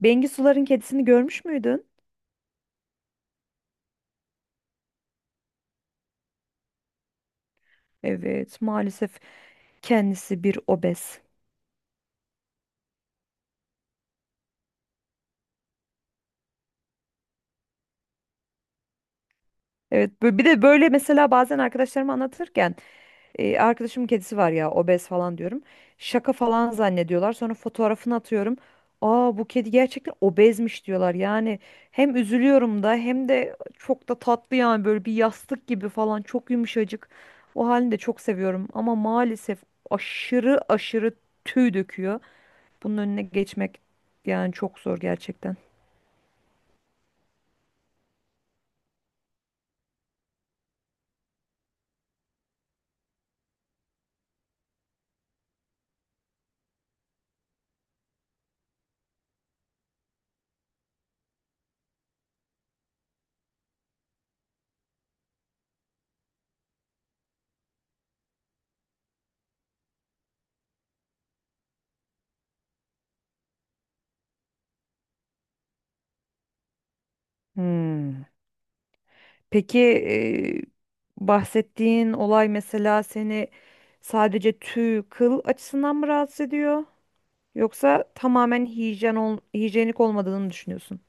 Bengisuların kedisini görmüş müydün? Evet, maalesef kendisi bir obez. Evet, bir de böyle mesela bazen arkadaşlarıma anlatırken arkadaşımın kedisi var ya obez falan diyorum. Şaka falan zannediyorlar. Sonra fotoğrafını atıyorum. Aa, bu kedi gerçekten obezmiş diyorlar. Yani hem üzülüyorum da hem de çok da tatlı, yani böyle bir yastık gibi falan, çok yumuşacık. O halini de çok seviyorum ama maalesef aşırı aşırı tüy döküyor. Bunun önüne geçmek yani çok zor gerçekten. Hmm. Peki, bahsettiğin olay mesela seni sadece tüy, kıl açısından mı rahatsız ediyor? Yoksa tamamen hijyenik olmadığını mı düşünüyorsun?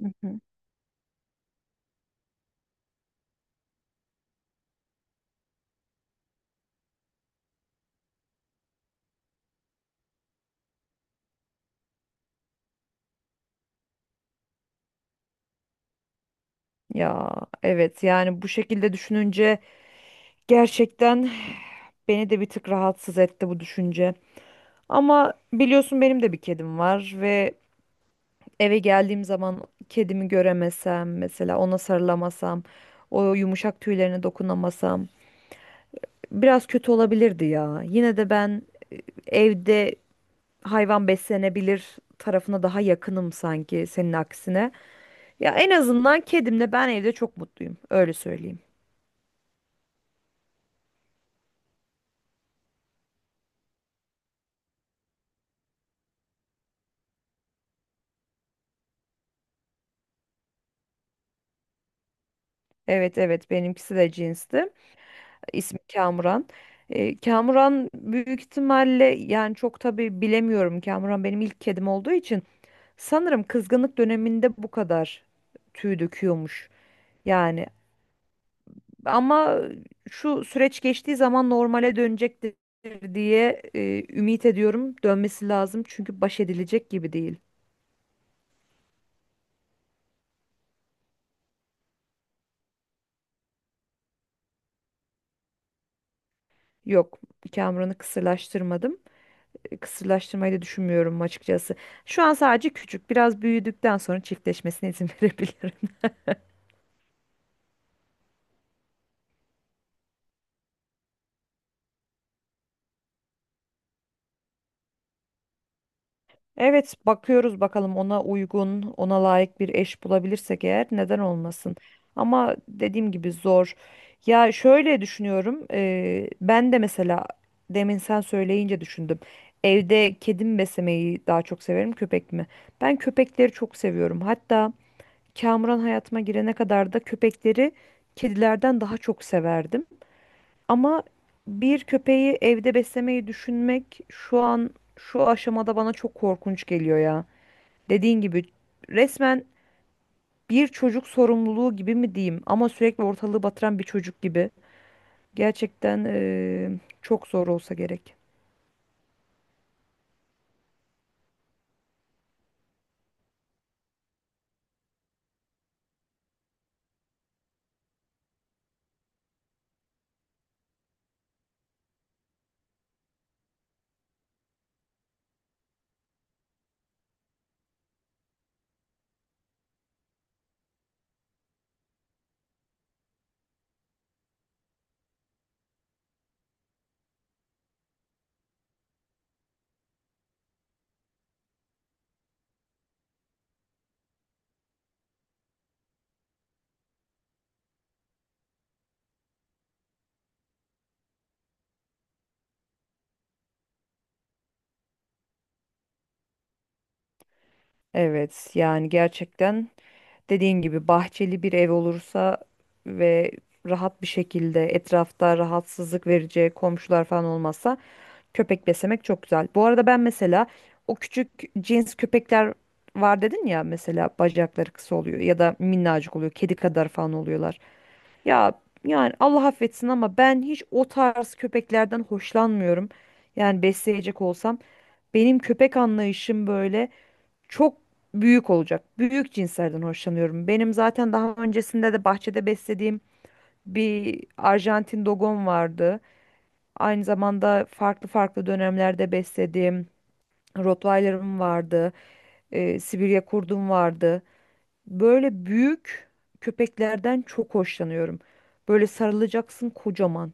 Hı hı. Ya evet, yani bu şekilde düşününce gerçekten beni de bir tık rahatsız etti bu düşünce. Ama biliyorsun benim de bir kedim var ve eve geldiğim zaman kedimi göremesem, mesela ona sarılamasam, o yumuşak tüylerine dokunamasam biraz kötü olabilirdi ya. Yine de ben evde hayvan beslenebilir tarafına daha yakınım sanki, senin aksine. Ya en azından kedimle ben evde çok mutluyum, öyle söyleyeyim. Evet evet, benimkisi de cinsti. İsmi Kamuran. Kamuran büyük ihtimalle, yani çok tabii bilemiyorum. Kamuran benim ilk kedim olduğu için sanırım kızgınlık döneminde bu kadar tüy döküyormuş. Yani ama şu süreç geçtiği zaman normale dönecektir diye ümit ediyorum. Dönmesi lazım çünkü baş edilecek gibi değil. Yok, Kamuran'ı kısırlaştırmadım. Kısırlaştırmayı da düşünmüyorum açıkçası. Şu an sadece küçük. Biraz büyüdükten sonra çiftleşmesine izin verebilirim. Evet, bakıyoruz bakalım, ona uygun, ona layık bir eş bulabilirsek eğer, neden olmasın. Ama dediğim gibi zor. Ya şöyle düşünüyorum, ben de mesela demin sen söyleyince düşündüm. Evde kedim beslemeyi daha çok severim, köpek mi? Ben köpekleri çok seviyorum. Hatta Kamuran hayatıma girene kadar da köpekleri kedilerden daha çok severdim. Ama bir köpeği evde beslemeyi düşünmek şu an, şu aşamada bana çok korkunç geliyor ya. Dediğin gibi resmen bir çocuk sorumluluğu gibi mi diyeyim, ama sürekli ortalığı batıran bir çocuk gibi. Gerçekten çok zor olsa gerek. Evet, yani gerçekten dediğin gibi bahçeli bir ev olursa ve rahat bir şekilde etrafta rahatsızlık verici komşular falan olmazsa köpek beslemek çok güzel. Bu arada ben mesela o küçük cins köpekler var dedin ya, mesela bacakları kısa oluyor ya da minnacık oluyor, kedi kadar falan oluyorlar. Ya yani Allah affetsin ama ben hiç o tarz köpeklerden hoşlanmıyorum. Yani besleyecek olsam benim köpek anlayışım böyle çok büyük olacak. Büyük cinslerden hoşlanıyorum. Benim zaten daha öncesinde de bahçede beslediğim bir Arjantin dogom vardı. Aynı zamanda farklı farklı dönemlerde beslediğim Rottweiler'ım vardı. Sibirya kurdum vardı. Böyle büyük köpeklerden çok hoşlanıyorum. Böyle sarılacaksın kocaman.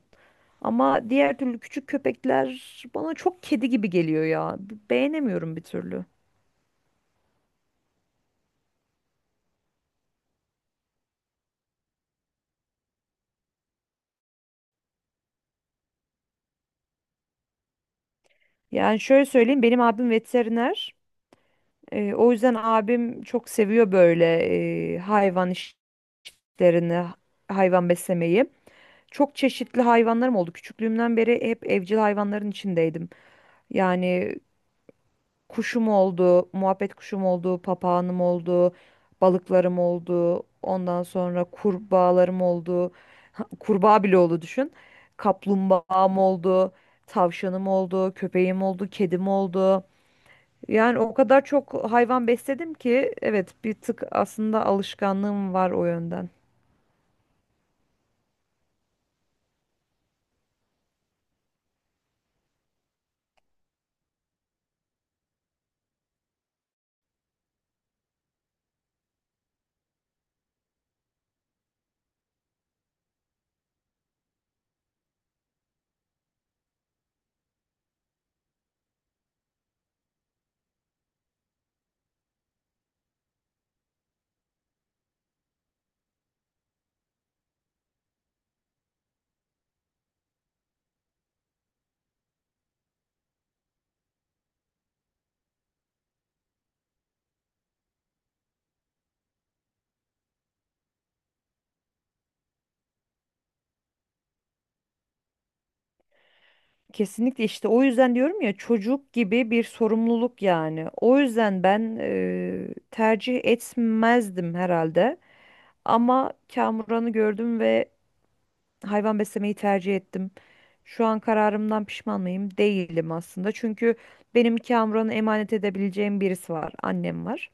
Ama diğer türlü küçük köpekler bana çok kedi gibi geliyor ya. Beğenemiyorum bir türlü. Yani şöyle söyleyeyim, benim abim veteriner. O yüzden abim çok seviyor böyle e, hayvan iş- işlerini, hayvan beslemeyi. Çok çeşitli hayvanlarım oldu. Küçüklüğümden beri hep evcil hayvanların içindeydim. Yani kuşum oldu, muhabbet kuşum oldu, papağanım oldu, balıklarım oldu, ondan sonra kurbağalarım oldu. Kurbağa bile oldu, düşün. Kaplumbağam oldu, tavşanım oldu, köpeğim oldu, kedim oldu. Yani o kadar çok hayvan besledim ki, evet, bir tık aslında alışkanlığım var o yönden. Kesinlikle, işte o yüzden diyorum ya, çocuk gibi bir sorumluluk yani. O yüzden ben tercih etmezdim herhalde. Ama Kamuran'ı gördüm ve hayvan beslemeyi tercih ettim. Şu an kararımdan pişman mıyım? Değilim aslında. Çünkü benim Kamuran'ı emanet edebileceğim birisi var. Annem var.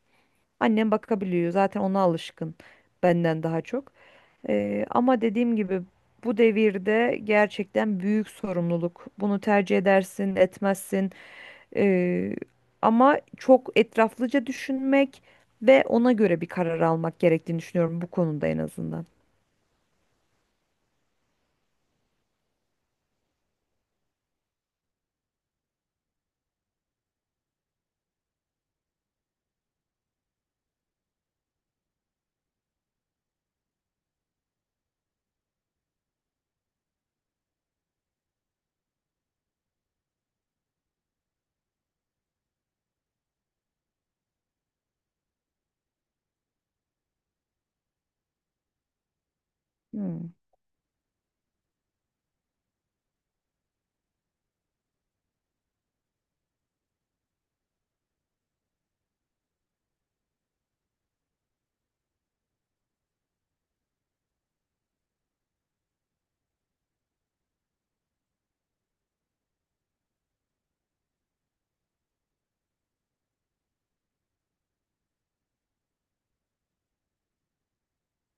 Annem bakabiliyor. Zaten ona alışkın, benden daha çok. Ama dediğim gibi bu devirde gerçekten büyük sorumluluk. Bunu tercih edersin, etmezsin. Ee, Ama çok etraflıca düşünmek ve ona göre bir karar almak gerektiğini düşünüyorum bu konuda en azından. Hmm.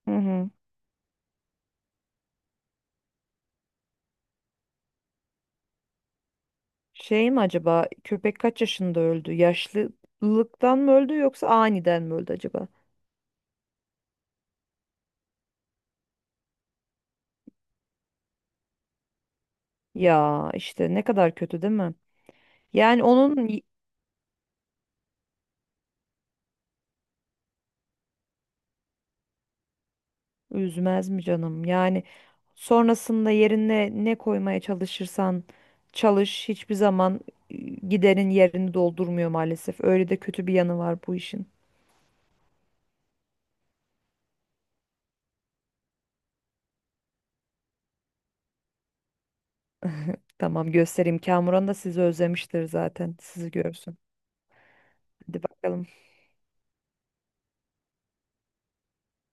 Hı hı. Şey mi acaba, köpek kaç yaşında öldü? Yaşlılıktan mı öldü yoksa aniden mi öldü acaba? Ya işte ne kadar kötü, değil mi? Yani üzmez mi canım? Yani sonrasında yerine ne koymaya çalışırsan çalış, hiçbir zaman giderin yerini doldurmuyor maalesef. Öyle de kötü bir yanı var bu işin. Tamam, göstereyim. Kamuran da sizi özlemiştir zaten. Sizi görsün. Hadi bakalım.